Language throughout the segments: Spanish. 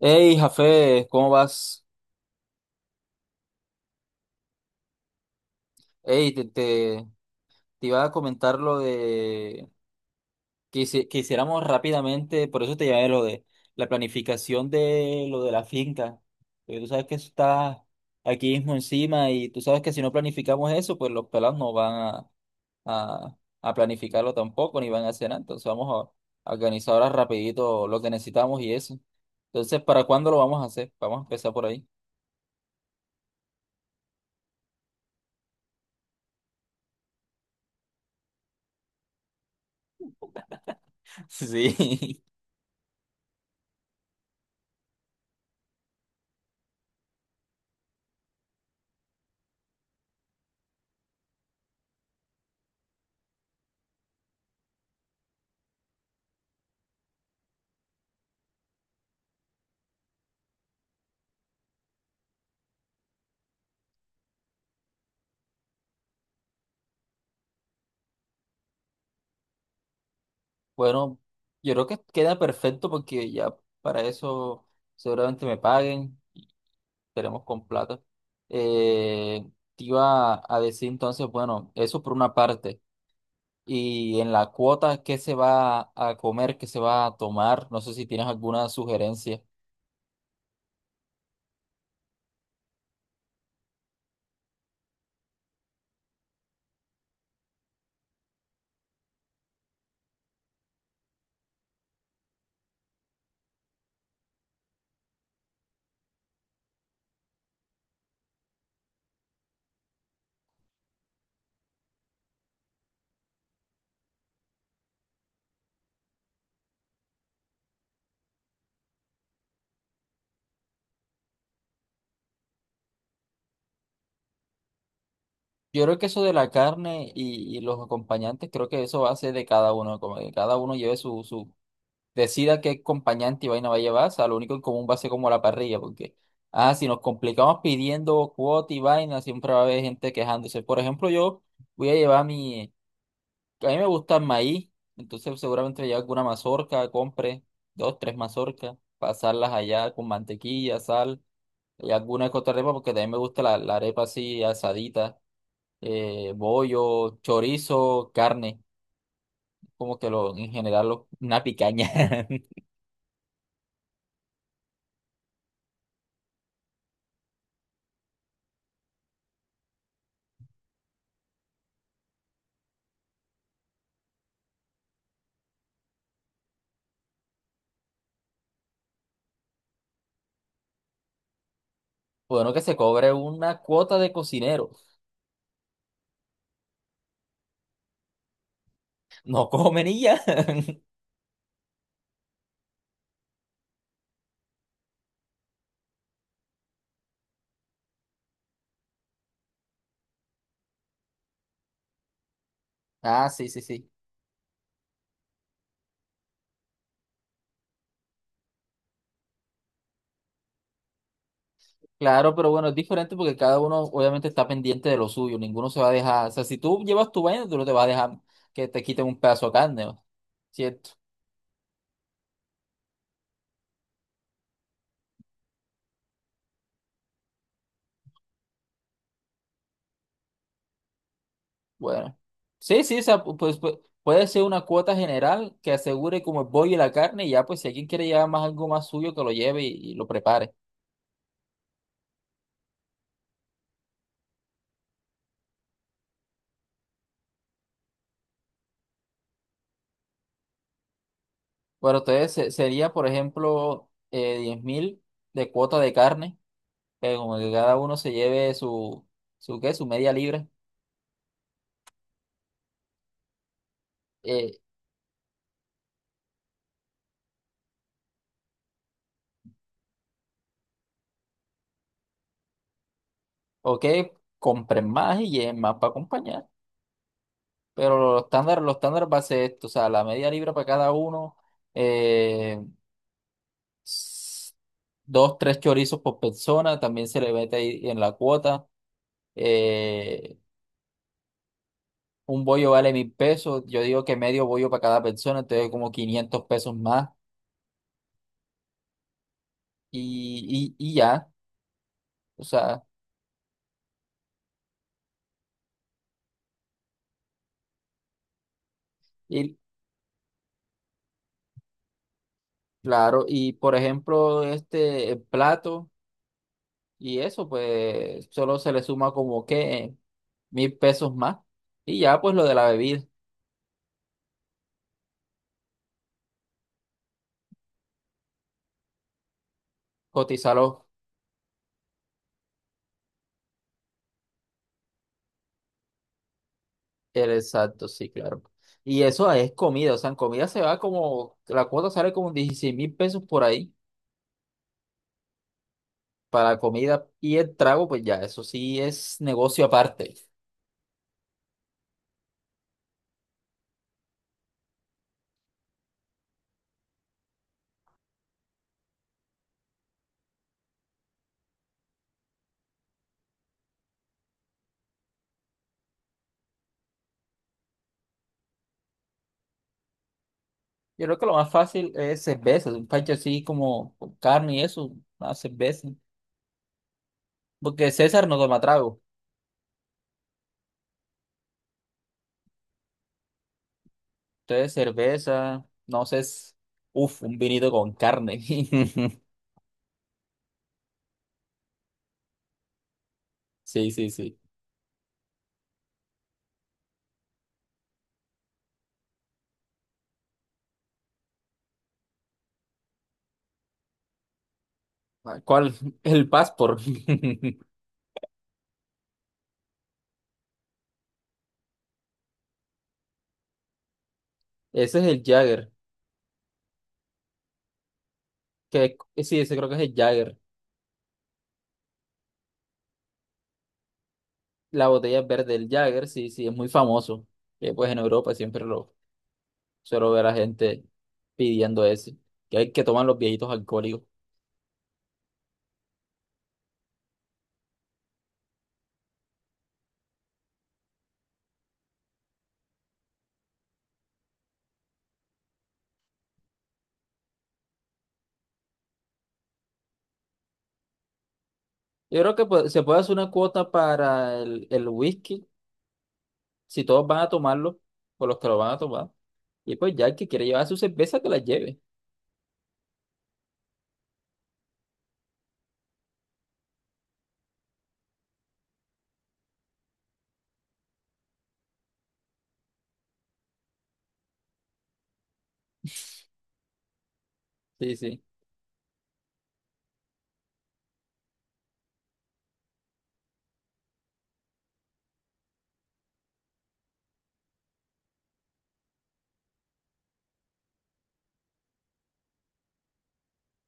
Hey, Jafé, ¿cómo vas? Hey, te iba a comentar lo de que hiciéramos rápidamente, por eso te llamé lo de la planificación de lo de la finca. Porque tú sabes que eso está aquí mismo encima y tú sabes que si no planificamos eso, pues los pelados no van a planificarlo tampoco, ni van a hacer nada. Entonces vamos a organizar ahora rapidito lo que necesitamos y eso. Entonces, ¿para cuándo lo vamos a hacer? Vamos a empezar por ahí. Sí. Bueno, yo creo que queda perfecto porque ya para eso seguramente me paguen y esperemos con plata. Eh, Te iba a decir entonces, bueno, eso por una parte. Y en la cuota, ¿qué se va a comer? ¿Qué se va a tomar? No sé si tienes alguna sugerencia. Yo creo que eso de la carne y los acompañantes, creo que eso va a ser de cada uno, como que cada uno lleve su decida qué acompañante y vaina va a llevar, o sea, lo único en común va a ser como la parrilla, porque, ah, si nos complicamos pidiendo cuota y vaina, siempre va a haber gente quejándose. Por ejemplo, yo voy a llevar mi, a mí me gusta el maíz, entonces seguramente voy a llevar alguna mazorca, compre dos, tres mazorcas, pasarlas allá con mantequilla, sal, y alguna que otra arepa, porque también me gusta la arepa así asadita, bollo, chorizo, carne, como que lo, en general, lo- una picaña. Bueno, que se cobre una cuota de cocinero. No, comen y ya. Ah, sí, sí, sí. Claro, pero bueno, es diferente porque cada uno obviamente está pendiente de lo suyo. Ninguno se va a dejar. O sea, si tú llevas tu vaina, tú no te vas a dejar que te quiten un pedazo de carne. ¿No? ¿Cierto? Bueno. Sí, sí, o sea, puede ser una cuota general que asegure como el pollo y la carne, y ya, pues si alguien quiere llevar más algo más suyo, que lo lleve y lo prepare. Bueno, entonces sería, por ejemplo, 10 mil de cuota de carne, que como que cada uno se lleve su media libra, eh, o que compren más y lleven más para acompañar. Pero los estándares va a ser esto, o sea, la media libra para cada uno, eh, s- dos, tres chorizos por persona, también se le mete ahí en la cuota. Eh, un bollo vale 1.000 pesos, yo digo que medio bollo para cada persona, entonces como 500 pesos más y ya, o sea. y, Claro, y por ejemplo, este el plato y eso, pues solo se le suma como que 1.000 pesos más. Y ya, pues lo de la bebida, cotizarlo el exacto, sí, claro. Y eso es comida, o sea, en comida se va como, la cuota sale como 16 mil pesos por ahí para comida y el trago, pues ya, eso sí es negocio aparte. Yo creo que lo más fácil es cerveza, un pancho así como con carne y eso, una cerveza. Porque César no toma trago. Entonces, cerveza, no sé, es, uf, un vinito con carne. Sí, sí, sí. Ah, ¿cuál? El Passport. Ese es el Jagger. Que, sí, ese creo que es el Jagger. La botella verde del Jagger, sí, sí, es muy famoso. Que pues en Europa siempre lo suelo ver a gente pidiendo ese. Que hay que toman los viejitos alcohólicos. Yo creo que pues, se puede hacer una cuota para el whisky, si todos van a tomarlo, por los que lo van a tomar. Y pues ya el que quiere llevar su cerveza, que la lleve. Sí, sí,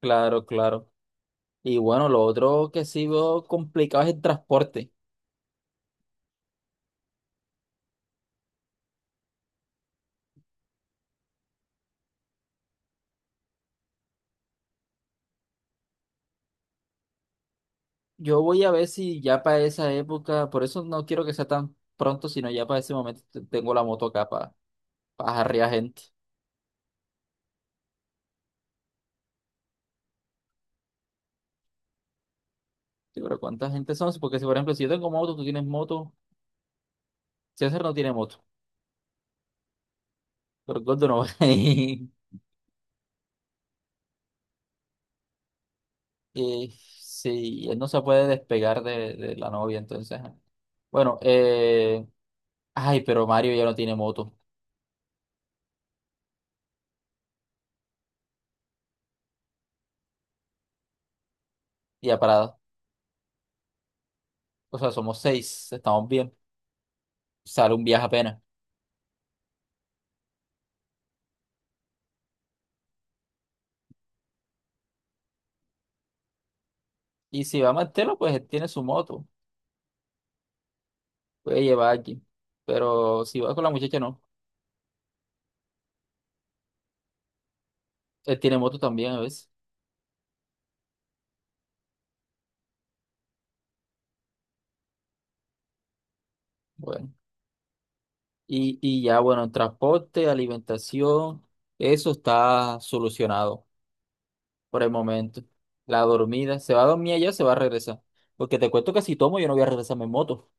claro, claro. Y bueno, lo otro que sí veo complicado es el transporte. Yo voy a ver si ya para esa época, por eso no quiero que sea tan pronto, sino ya para ese momento tengo la moto acá para jarrear gente. Sí, pero ¿cuánta gente son? Sí, porque si, por ejemplo, si yo tengo moto, tú tienes moto, César no tiene moto, pero el Gordo no. Y sí, él no se puede despegar de la novia, entonces, ajá. Bueno, ay, pero Mario ya no tiene moto, y ya parado. O sea, somos seis, estamos bien. Sale un viaje apenas. Y si va Martelo, pues él tiene su moto, puede llevar aquí. Pero si va con la muchacha, no. Él tiene moto también a veces. Bueno. Y ya, bueno, en transporte, alimentación, eso está solucionado por el momento. La dormida, se va a dormir allá, se va a regresar. Porque te cuento que si tomo, yo no voy a regresarme en moto.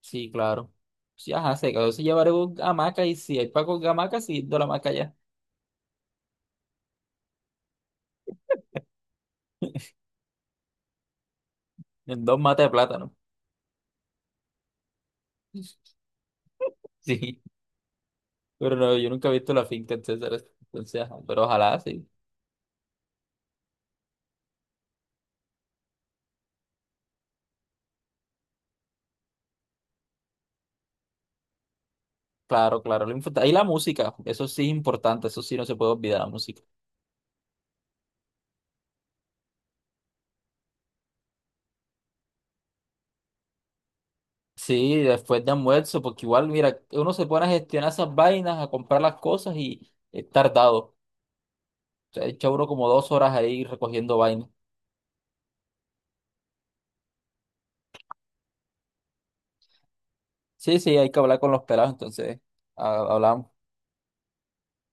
Sí, claro. Sí, ajá, se cagó. Si llevaré un hamaca y si hay para con hamaca, sí, de la hamaca allá. En dos matas de plátano. Sí. Pero no, yo nunca he visto la finca, etcétera. Entonces, ajá, pero ojalá sí. Claro, claro. Y la música, eso sí es importante, eso sí no se puede olvidar la música. Sí, después de almuerzo, porque igual, mira, uno se pone a gestionar esas vainas, a comprar las cosas y es tardado. O sea, echa uno como dos horas ahí recogiendo vainas. Sí, sí, hay que hablar con los pelados, entonces, hablábamos